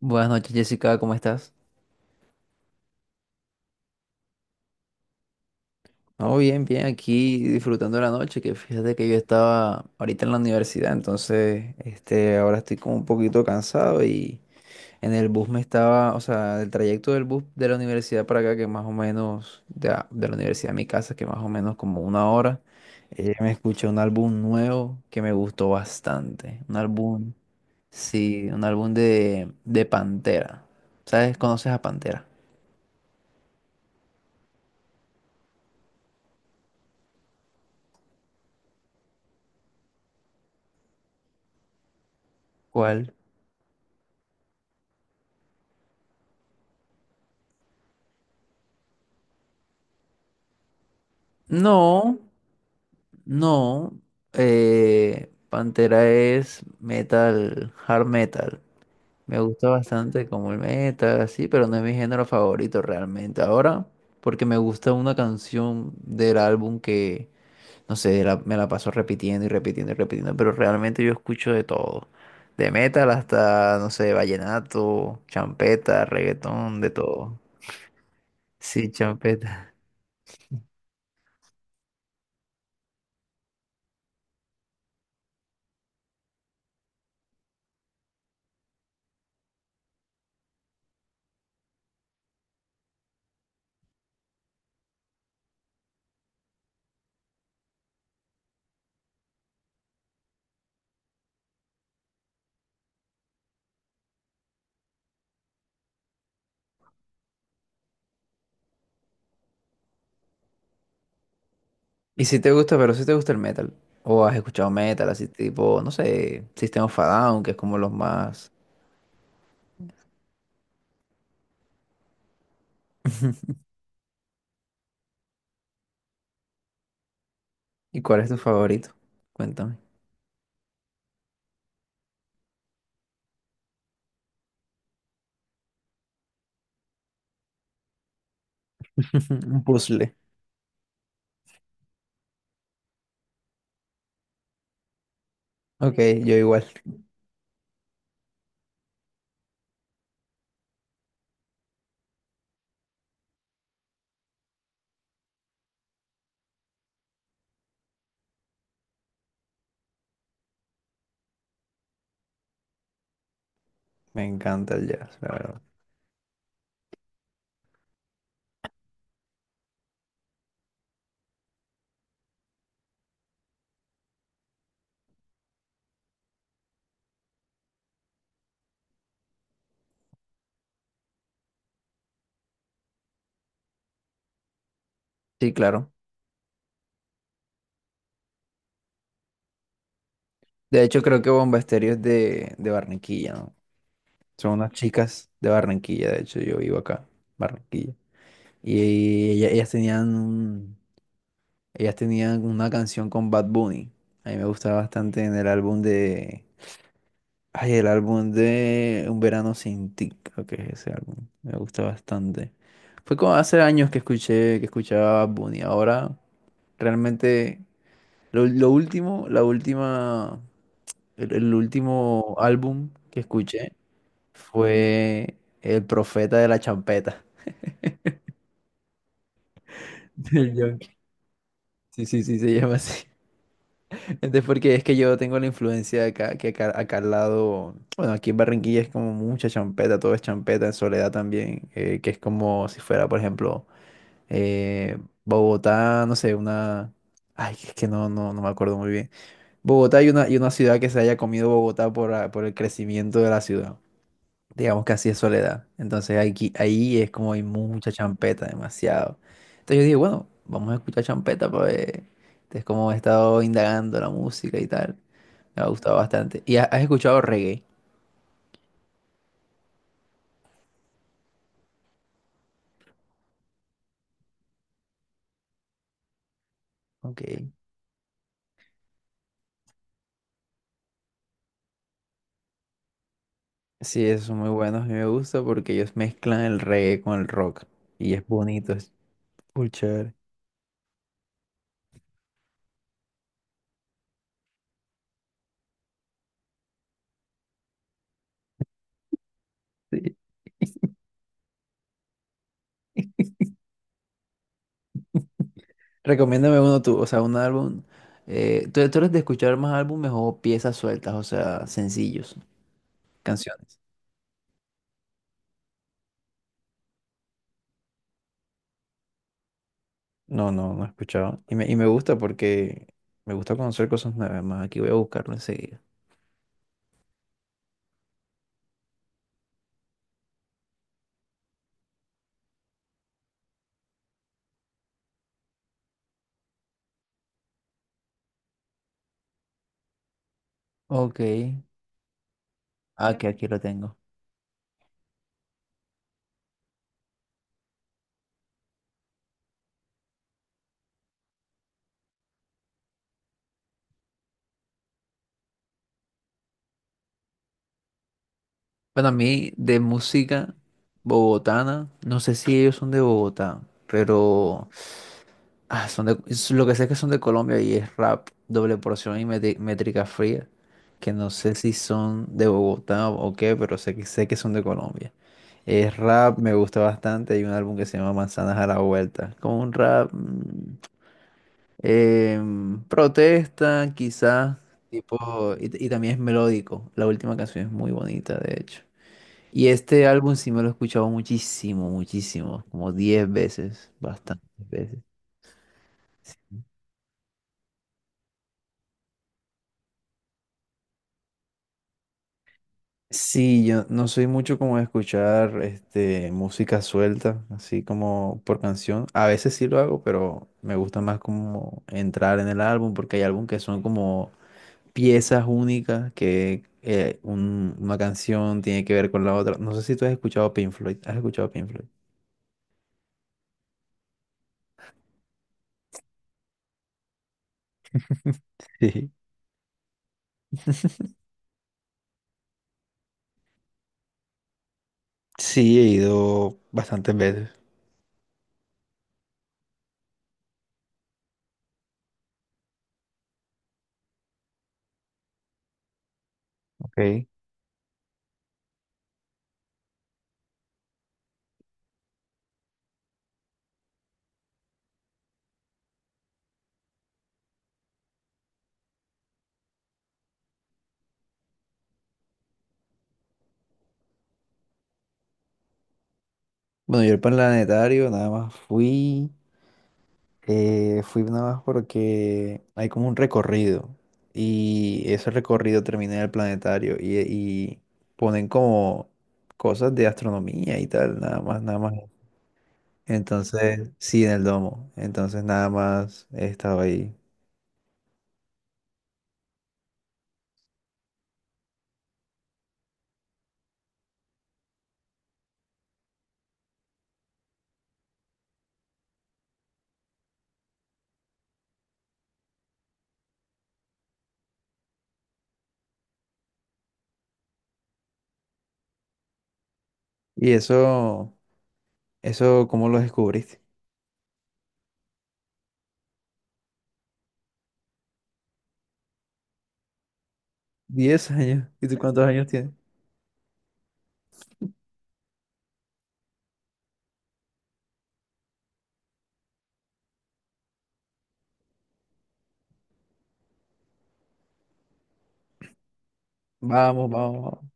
Buenas noches, Jessica, ¿cómo estás? No, bien, bien, aquí disfrutando de la noche, que fíjate que yo estaba ahorita en la universidad, entonces, ahora estoy como un poquito cansado y en el bus me estaba, o sea, el trayecto del bus de la universidad para acá, que más o menos, de la universidad a mi casa, que más o menos como una hora, me escuché un álbum nuevo que me gustó bastante, un álbum, sí, un álbum de Pantera, ¿sabes? ¿Conoces a Pantera? ¿Cuál? No. No, Pantera es metal, hard metal. Me gusta bastante como el metal, así, pero no es mi género favorito realmente. Ahora, porque me gusta una canción del álbum que, no sé, me la paso repitiendo y repitiendo y repitiendo, pero realmente yo escucho de todo. De metal hasta, no sé, vallenato, champeta, reggaetón, de todo. Sí, champeta. Y si te gusta, pero si te gusta el metal, o has escuchado metal, así tipo, no sé, System of a Down, que es como los más. ¿Y cuál es tu favorito? Cuéntame. Un puzzle. Ok, yo igual. Me encanta el jazz, la verdad. Sí, claro. De hecho, creo que Bomba Estéreo es de Barranquilla, ¿no? Son unas chicas de Barranquilla, de hecho, yo vivo acá, Barranquilla. Y ellas, tenían una canción con Bad Bunny. A mí me gustaba bastante en el álbum de Ay, el álbum de Un verano sin ti, creo que es ese álbum. Me gusta bastante. Fue como hace años que escuché, que escuchaba Bad Bunny. Ahora, realmente, lo último, la última, el último álbum que escuché fue El Profeta de la Champeta. El Yonki. Sí, sí, sí, se llama así. Entonces, porque es que yo tengo la influencia de acá, que acá al lado, bueno, aquí en Barranquilla es como mucha champeta, todo es champeta, en Soledad también, que es como si fuera, por ejemplo, eh, Bogotá, no sé, una... Ay, es que no, no, no me acuerdo muy bien. Bogotá y una ciudad que se haya comido Bogotá por el crecimiento de la ciudad digamos que así es Soledad. Entonces aquí, ahí es como hay mucha champeta, demasiado. Entonces yo dije, bueno, vamos a escuchar champeta para ver. Entonces como he estado indagando la música y tal, me ha gustado bastante. ¿Y has escuchado reggae? Ok. Sí, esos son muy buenos, a mí me gusta porque ellos mezclan el reggae con el rock. Y es bonito, es full chévere. Sí. Recomiéndame uno tú, o sea, un álbum. ¿Tú eres de escuchar más álbumes o piezas sueltas, o sea, sencillos, canciones? No, no, no he escuchado. Y me gusta porque me gusta conocer cosas nuevas. Más aquí voy a buscarlo enseguida. Ok. Ah, que aquí lo tengo. Bueno, a mí de música bogotana, no sé si ellos son de Bogotá, pero es lo que sé es que son de Colombia y es rap, doble porción y métrica fría, que no sé si son de Bogotá o qué, pero sé que son de Colombia. Es rap, me gusta bastante. Hay un álbum que se llama Manzanas a la Vuelta, como un rap. Protesta, quizás, tipo, y también es melódico. La última canción es muy bonita, de hecho. Y este álbum sí me lo he escuchado muchísimo, muchísimo, como 10 veces, bastantes veces. Sí, yo no soy mucho como de escuchar música suelta, así como por canción. A veces sí lo hago, pero me gusta más como entrar en el álbum, porque hay álbumes que son como piezas únicas que una canción tiene que ver con la otra. No sé si tú has escuchado Pink Floyd. ¿Has escuchado Pink Floyd? Sí, sí, he ido bastantes veces. Ok. Bueno, yo el planetario nada más fui, fui nada más porque hay como un recorrido y ese recorrido termina en el planetario y ponen como cosas de astronomía y tal, nada más, nada más. Entonces, sí, en el domo. Entonces nada más he estado ahí. ¿Y eso cómo lo descubriste? 10 años. ¿Y tú cuántos años tienes? Vamos, vamos, vamos.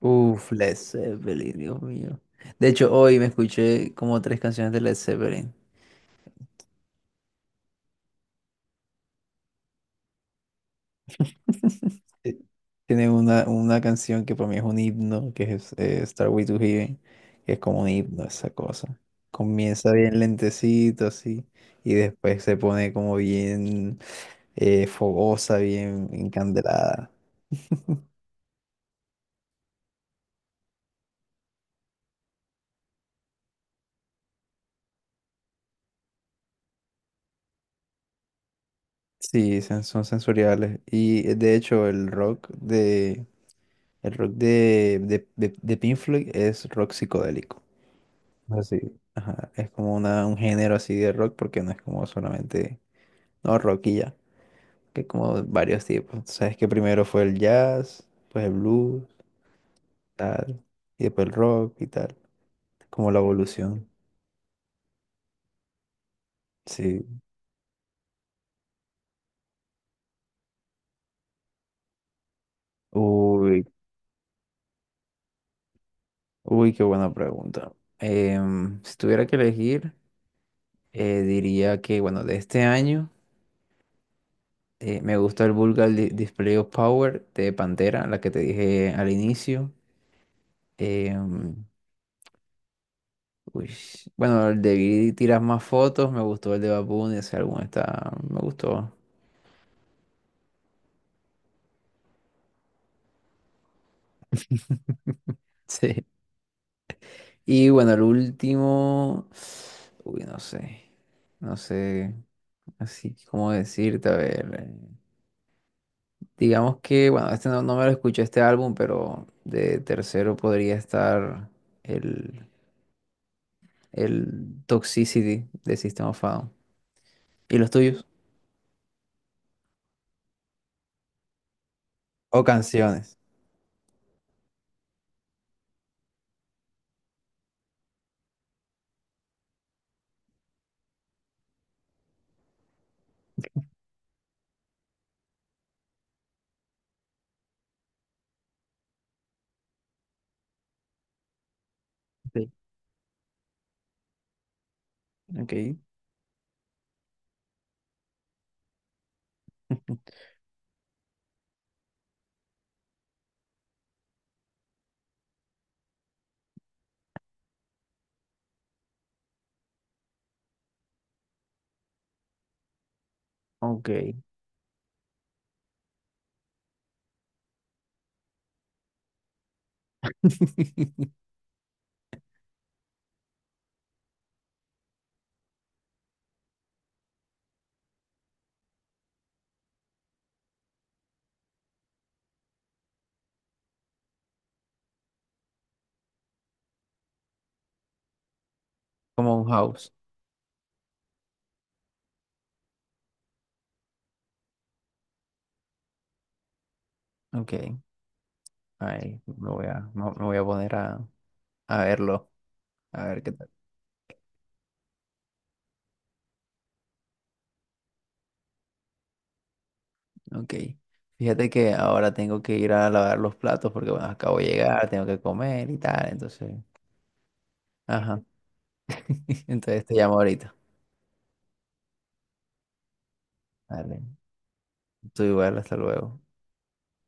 Uf, Led Zeppelin, Dios mío. De hecho, hoy me escuché como tres canciones de Led Zeppelin. Eh, Tiene una canción que para mí es un himno, que es Starway to Heaven, que es como un himno esa cosa. Comienza bien lentecito así, y después se pone como bien fogosa, bien encandelada. Sí, son sensoriales. Y de hecho el rock de Pink Floyd es rock psicodélico. Así, ajá, es como un género así de rock porque no es como solamente, no, rock y ya. Que como varios tipos. Tú sabes que primero fue el jazz, pues el blues, tal, y después el rock y tal, como la evolución. Sí. Uy, uy, qué buena pregunta. Si tuviera que elegir, diría que, bueno, de este año me gusta el Vulgar Display of Power de Pantera, la que te dije al inicio. Em, uy, bueno, el de Vi tiras más fotos, me gustó el de Bad Bunny, ese álbum está, me gustó. Sí. Y bueno, el último. Uy, no sé. No sé. Así cómo decirte, a ver. Digamos que, bueno, este no, no me lo escuché este álbum, pero de tercero podría estar el, el Toxicity de System of a Down. ¿Y los tuyos? O canciones. Sí. Ok. Ok. Como un house. Ok. Ahí me voy a poner a verlo. A ver qué tal. Ok. Fíjate que ahora tengo que ir a lavar los platos porque bueno, acabo de llegar, tengo que comer y tal, entonces, ajá. Entonces te llamo ahorita. Dale. Tú igual, hasta luego.